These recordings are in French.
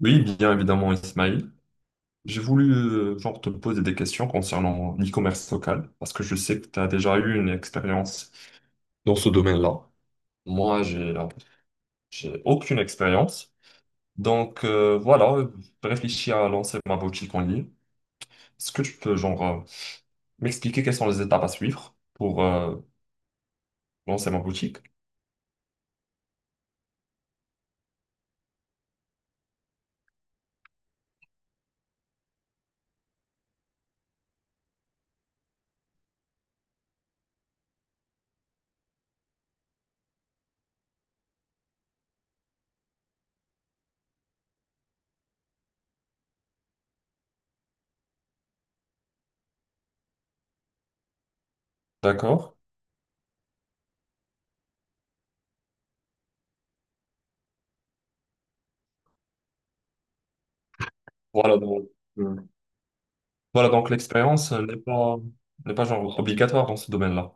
Oui, bien évidemment, Ismail. J'ai voulu genre te poser des questions concernant l'e-commerce local, parce que je sais que tu as déjà eu une expérience dans ce domaine-là. Moi, j'ai aucune expérience. Donc voilà, je réfléchis à lancer ma boutique en ligne. Est-ce que tu peux m'expliquer quelles sont les étapes à suivre pour lancer ma boutique? D'accord. Voilà donc, euh, voilà, donc l'expérience n'est pas, n'est pas genre obligatoire dans ce domaine-là.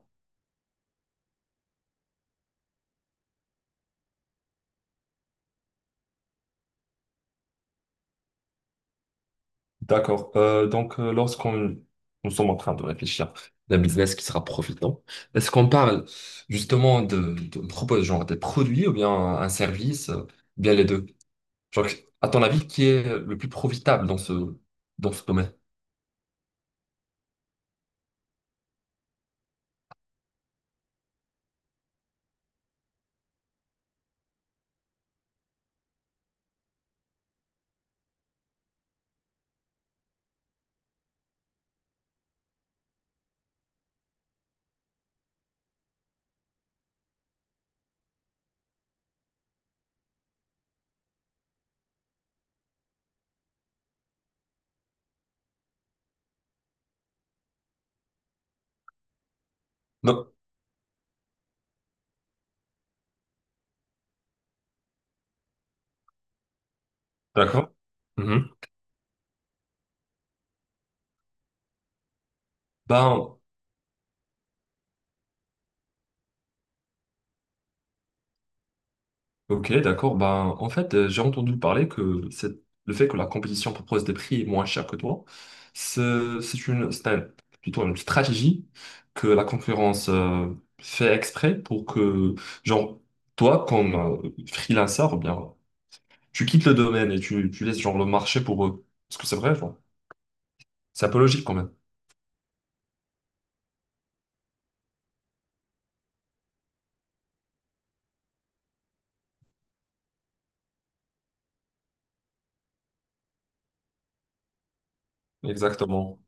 D'accord. Donc, lorsqu'on nous sommes en train de réfléchir d'un business qui sera profitant, est-ce qu'on parle justement de on propose genre des produits ou bien un service, bien les deux? Genre, à ton avis, qui est le plus profitable dans ce domaine? Non. D'accord. Mhm. Ben, Ok, d'accord. Ben, en fait, j'ai entendu parler que le fait que la compétition propose des prix moins chers que toi, c'est plutôt une stratégie que la concurrence fait exprès pour que, genre, toi, comme freelancer, ou bien, tu quittes le domaine et tu laisses, genre, le marché pour eux. Parce que c'est vrai, genre, c'est un peu logique quand même. Exactement.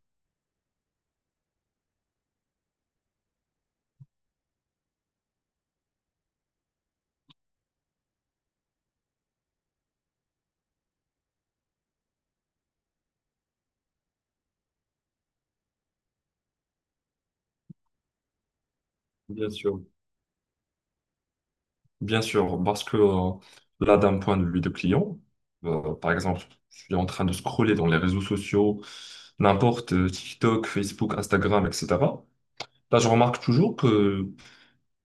Bien sûr. Bien sûr, parce que là, d'un point de vue de client, par exemple, je suis en train de scroller dans les réseaux sociaux, n'importe, TikTok, Facebook, Instagram, etc. Là, je remarque toujours que,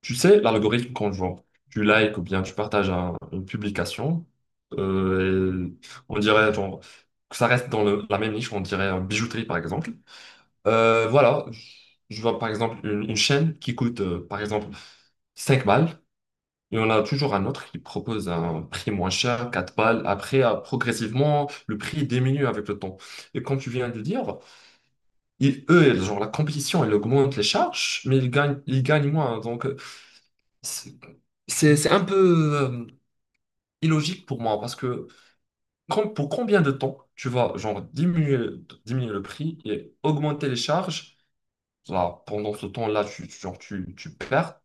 tu sais, l'algorithme, quand genre, tu likes ou bien tu partages une publication, et on dirait genre, que ça reste dans la même niche, on dirait bijouterie, par exemple. Voilà, je vois par exemple une chaîne qui coûte, par exemple, 5 balles. Et on a toujours un autre qui propose un prix moins cher, 4 balles. Après, progressivement, le prix diminue avec le temps. Et comme tu viens de dire, eux, genre, la compétition, elle augmente les charges, mais ils gagnent moins. Donc, c'est c'est un peu euh, illogique pour moi parce que pour combien de temps tu vas, genre, diminuer le prix et augmenter les charges? Là, pendant ce temps-là, genre, tu perds.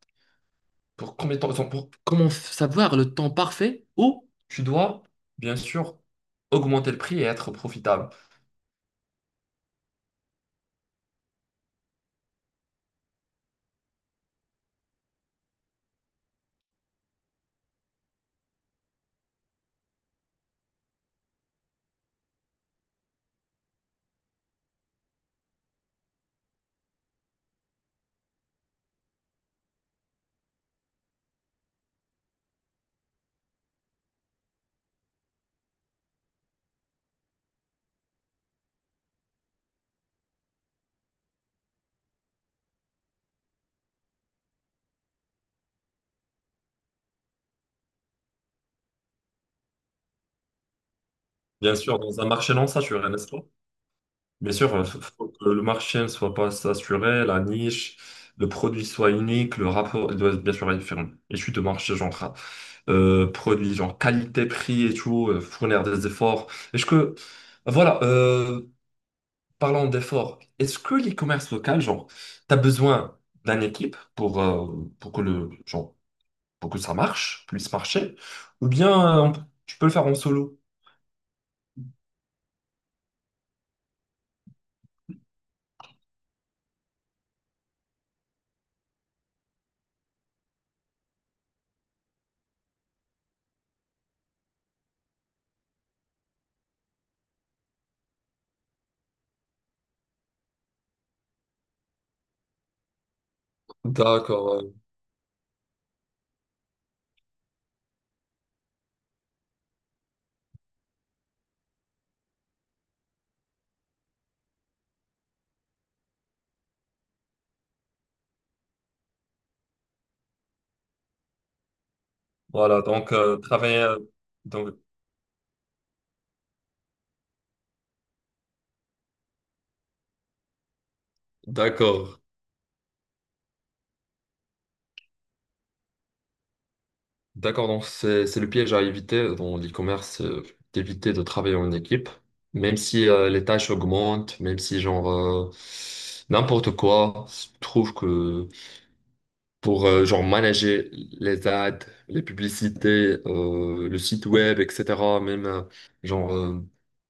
Pour combien de temps, enfin, pour comment savoir le temps parfait où tu dois, bien sûr, augmenter le prix et être profitable. Bien sûr, dans un marché non saturé, n'est-ce pas? Bien sûr, il faut que le marché ne soit pas saturé, la niche, le produit soit unique, le rapport il doit bien sûr être une Étude de marché, genre, produit, genre qualité, prix et tout, fournir des efforts. Est-ce que, voilà, parlons d'efforts. Est-ce que l'e-commerce local, genre, tu as besoin d'une équipe pour que genre, pour que puisse marcher, ou bien euh, on peut- tu peux le faire en solo? D'accord, ouais. Voilà, donc travailler. Donc, d'accord, d'accord. Donc c'est le piège à éviter dans l'e-commerce, d'éviter de travailler en équipe, même si les tâches augmentent, même si n'importe quoi. Je trouve que pour genre manager les ads, les publicités, le site web, etc. Même genre euh,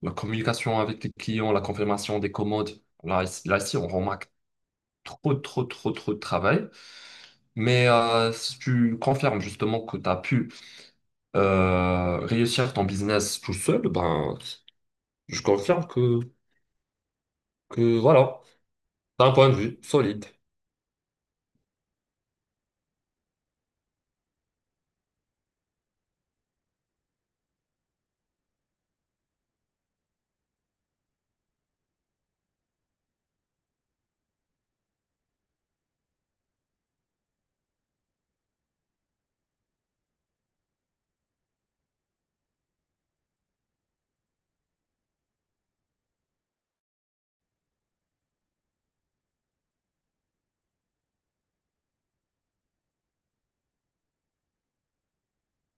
la communication avec les clients, la confirmation des commandes. Là, ici, on remarque trop, trop, trop, trop de travail. Mais si tu confirmes justement que tu as pu réussir ton business tout seul, ben, je confirme que voilà, d'un point de vue solide.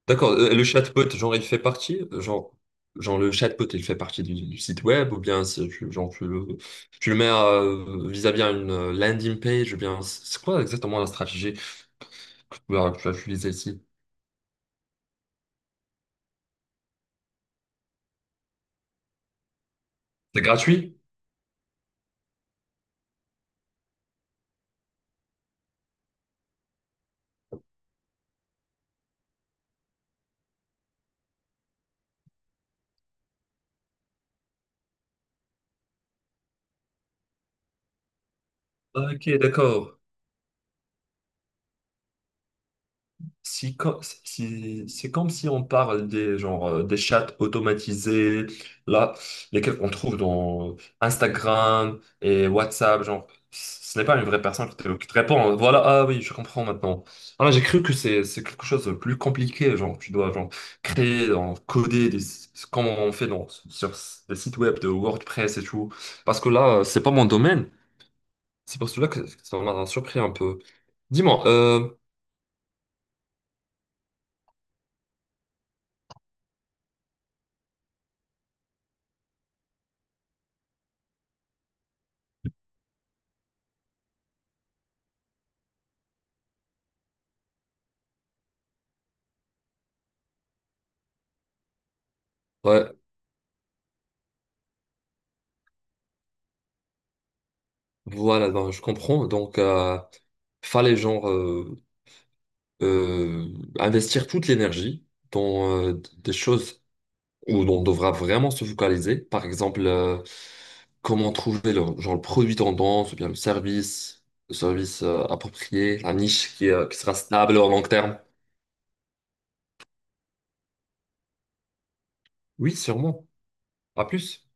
D'accord, le chatbot, genre le chatbot, il fait partie du site web, ou bien tu le mets vis-à-vis à une landing page, ou bien c'est quoi exactement la stratégie que que tu vas utiliser ici? C'est gratuit? Ah, Ok, d'accord. Si, co- si- c'est comme si on parle des, genre, des chats automatisés, là, lesquels on trouve dans Instagram et WhatsApp, genre, ce n'est pas une vraie personne qui qui te répond, hein. Voilà, ah oui, je comprends maintenant. Ah, j'ai cru que c'est quelque chose de plus compliqué, genre, tu dois, genre, créer, genre, comme on fait sur les sites web de WordPress et tout. Parce que là, c'est pas mon domaine. C'est pour cela que ça m'a surpris un peu. Dis-moi, ouais. Voilà, ben, je comprends. Donc, fallait euh, investir toute l'énergie dans des choses où on devra vraiment se focaliser. Par exemple, comment trouver le, genre le produit tendance ou bien le service approprié, la niche qui sera stable au long terme. Oui, sûrement. À plus.